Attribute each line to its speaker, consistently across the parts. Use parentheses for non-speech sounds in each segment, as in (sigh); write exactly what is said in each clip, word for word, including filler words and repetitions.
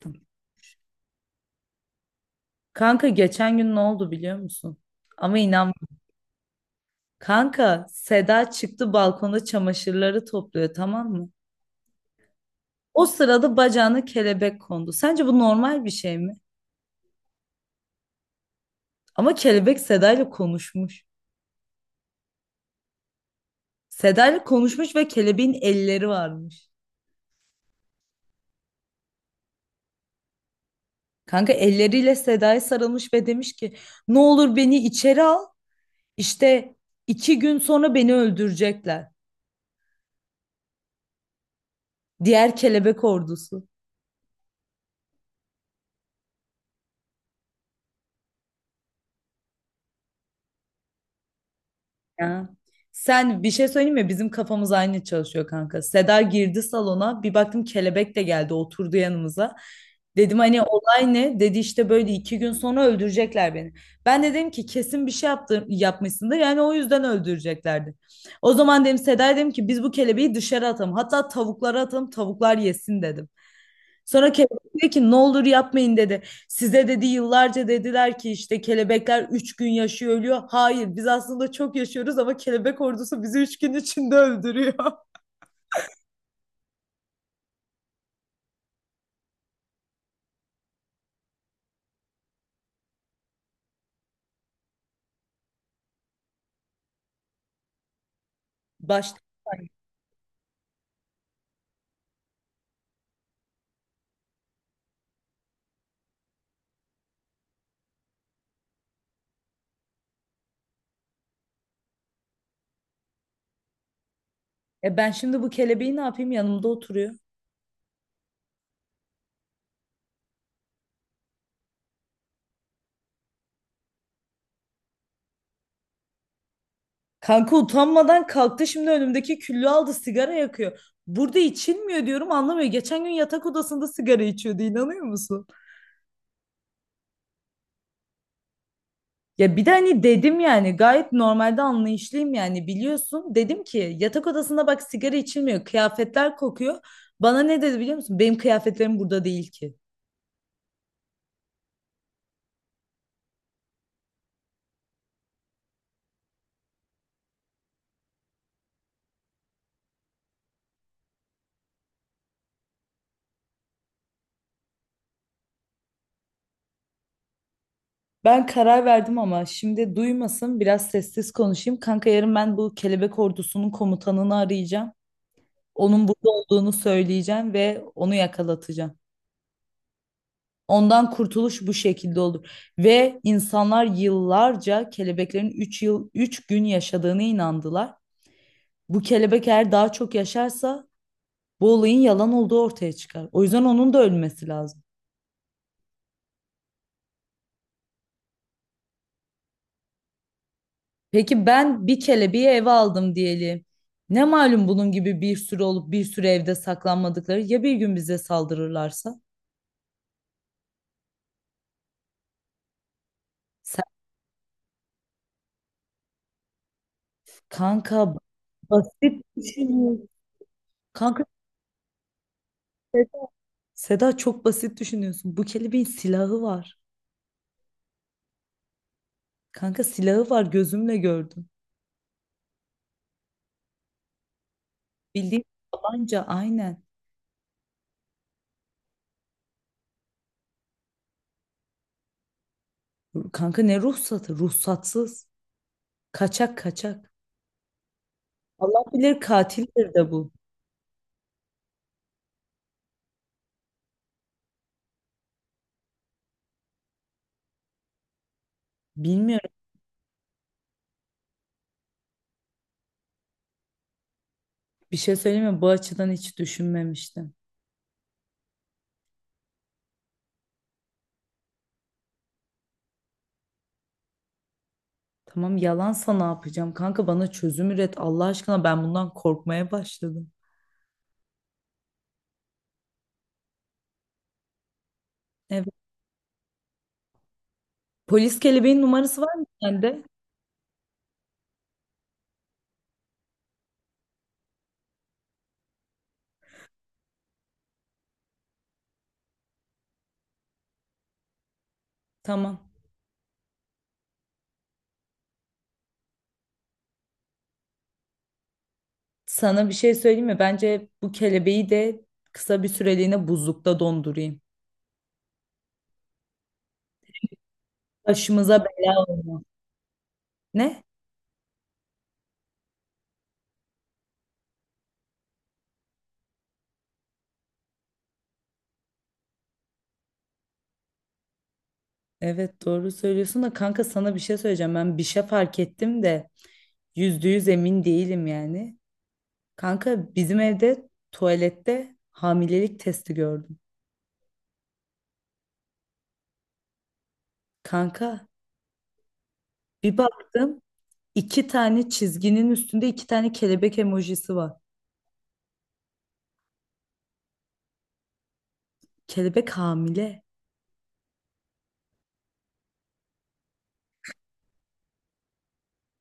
Speaker 1: Tamam. Kanka geçen gün ne oldu biliyor musun? Ama inan. Kanka Seda çıktı balkonda çamaşırları topluyor tamam mı? O sırada bacağına kelebek kondu. Sence bu normal bir şey mi? Ama kelebek Seda ile konuşmuş. Seda ile konuşmuş ve kelebeğin elleri varmış. Kanka elleriyle Seda'ya sarılmış ve demiş ki ne olur beni içeri al. İşte iki gün sonra beni öldürecekler. Diğer kelebek ordusu. Ya. Sen bir şey söyleyeyim mi? Bizim kafamız aynı çalışıyor kanka. Seda girdi salona. Bir baktım kelebek de geldi oturdu yanımıza. Dedim hani olay ne? Dedi işte böyle iki gün sonra öldürecekler beni. Ben de dedim ki kesin bir şey yaptı, yapmışsındır. Yani o yüzden öldüreceklerdi. O zaman dedim Seda'ya dedim ki biz bu kelebeği dışarı atalım. Hatta tavuklara atalım tavuklar yesin dedim. Sonra kelebek dedi ki ne olur yapmayın dedi. Size dedi yıllarca dediler ki işte kelebekler üç gün yaşıyor ölüyor. Hayır biz aslında çok yaşıyoruz ama kelebek ordusu bizi üç gün içinde öldürüyor. (laughs) Başta. E ben şimdi bu kelebeği ne yapayım yanımda oturuyor. Kanka utanmadan kalktı şimdi önümdeki küllü aldı sigara yakıyor. Burada içilmiyor diyorum anlamıyor. Geçen gün yatak odasında sigara içiyordu inanıyor musun? Ya bir de hani dedim yani gayet normalde anlayışlıyım yani biliyorsun. Dedim ki yatak odasında bak sigara içilmiyor, kıyafetler kokuyor. Bana ne dedi biliyor musun? Benim kıyafetlerim burada değil ki. Ben karar verdim ama şimdi duymasın biraz sessiz konuşayım. Kanka yarın ben bu kelebek ordusunun komutanını arayacağım. Onun burada olduğunu söyleyeceğim ve onu yakalatacağım. Ondan kurtuluş bu şekilde olur. Ve insanlar yıllarca kelebeklerin üç yıl üç gün yaşadığını inandılar. Bu kelebek eğer daha çok yaşarsa bu olayın yalan olduğu ortaya çıkar. O yüzden onun da ölmesi lazım. Peki ben bir kelebeği eve aldım diyelim. Ne malum bunun gibi bir sürü olup bir sürü evde saklanmadıkları ya bir gün bize saldırırlarsa? Sen kanka basit düşünüyorsun. Kanka Seda çok basit düşünüyorsun. Bu kelebeğin silahı var. Kanka silahı var gözümle gördüm. Bildiğin tabanca aynen. Kanka ne ruhsatı? Ruhsatsız. Kaçak kaçak. Allah bilir katildir de bu. Bilmiyorum. Bir şey söyleyeyim mi? Bu açıdan hiç düşünmemiştim. Tamam yalansa ne yapacağım? Kanka bana çözüm üret. Allah aşkına ben bundan korkmaya başladım. Evet. Polis kelebeğin numarası var mı sende? Tamam. Sana bir şey söyleyeyim mi? Bence bu kelebeği de kısa bir süreliğine buzlukta dondurayım. Başımıza bela olma. Ne? Evet doğru söylüyorsun da kanka sana bir şey söyleyeceğim. Ben bir şey fark ettim de yüzde yüz emin değilim yani. Kanka bizim evde tuvalette hamilelik testi gördüm. Kanka bir baktım iki tane çizginin üstünde iki tane kelebek emojisi var. Kelebek hamile.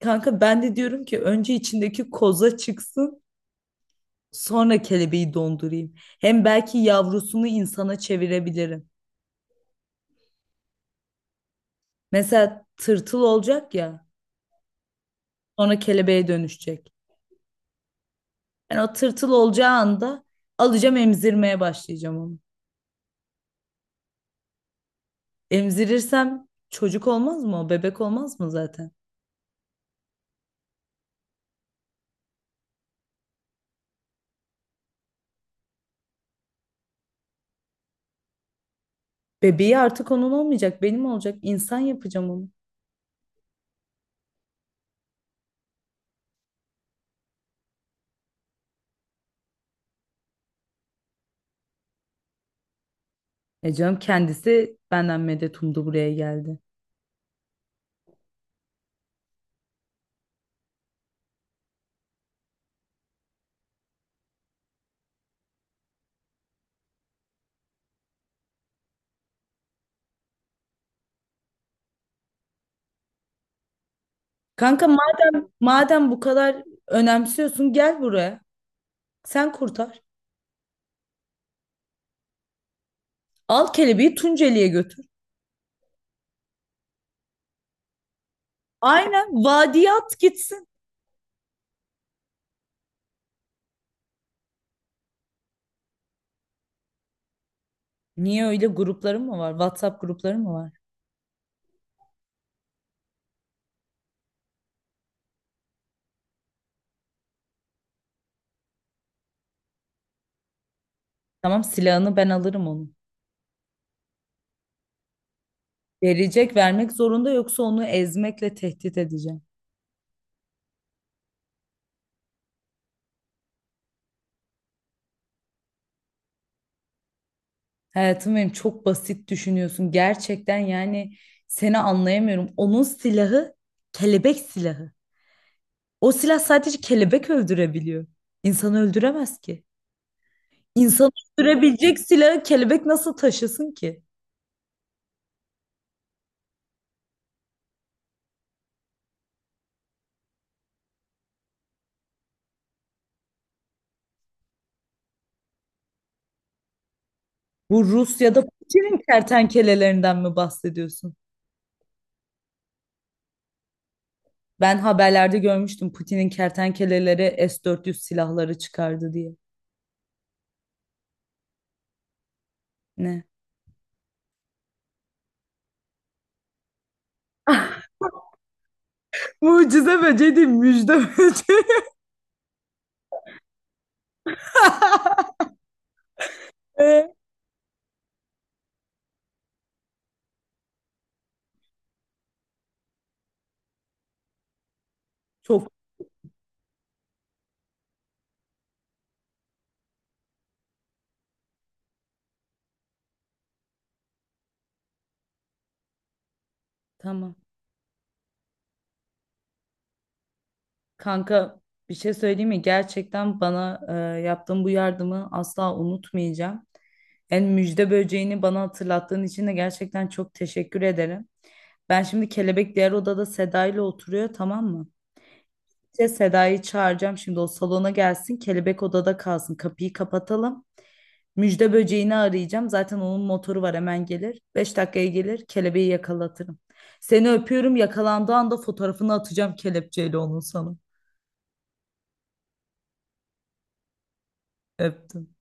Speaker 1: Kanka ben de diyorum ki önce içindeki koza çıksın sonra kelebeği dondurayım. Hem belki yavrusunu insana çevirebilirim. Mesela tırtıl olacak ya sonra kelebeğe dönüşecek. Yani o tırtıl olacağı anda alacağım emzirmeye başlayacağım onu. Emzirirsem çocuk olmaz mı o? Bebek olmaz mı zaten? Bebeği artık onun olmayacak, benim olacak. İnsan yapacağım onu. E canım kendisi benden medet umdu buraya geldi. Kanka madem madem bu kadar önemsiyorsun gel buraya. Sen kurtar. Al kelebeği Tunceli'ye götür. Aynen vadiye at gitsin. Niye öyle grupların mı var? WhatsApp grupları mı var? Tamam silahını ben alırım onu. Verecek vermek zorunda yoksa onu ezmekle tehdit edeceğim. Hayatım benim çok basit düşünüyorsun. Gerçekten yani seni anlayamıyorum. Onun silahı kelebek silahı. O silah sadece kelebek öldürebiliyor. İnsanı öldüremez ki. İnsanı öldürebilecek silahı kelebek nasıl taşısın ki? Bu Rusya'da Putin'in kertenkelelerinden mi bahsediyorsun? Ben haberlerde görmüştüm Putin'in kertenkeleleri S dört yüz silahları çıkardı diye. Ne? (laughs) Mucize böceği değil, müjde böceği. (laughs) Ee? Çok. Tamam. Kanka bir şey söyleyeyim mi? Gerçekten bana e, yaptığın bu yardımı asla unutmayacağım. En müjde böceğini bana hatırlattığın için de gerçekten çok teşekkür ederim. Ben şimdi kelebek diğer odada Seda ile oturuyor tamam mı? İşte Seda'yı çağıracağım şimdi o salona gelsin kelebek odada kalsın kapıyı kapatalım. Müjde böceğini arayacağım zaten onun motoru var hemen gelir. Beş dakikaya gelir kelebeği yakalatırım. Seni öpüyorum yakalandığı anda fotoğrafını atacağım kelepçeyle onun sana. Öptüm.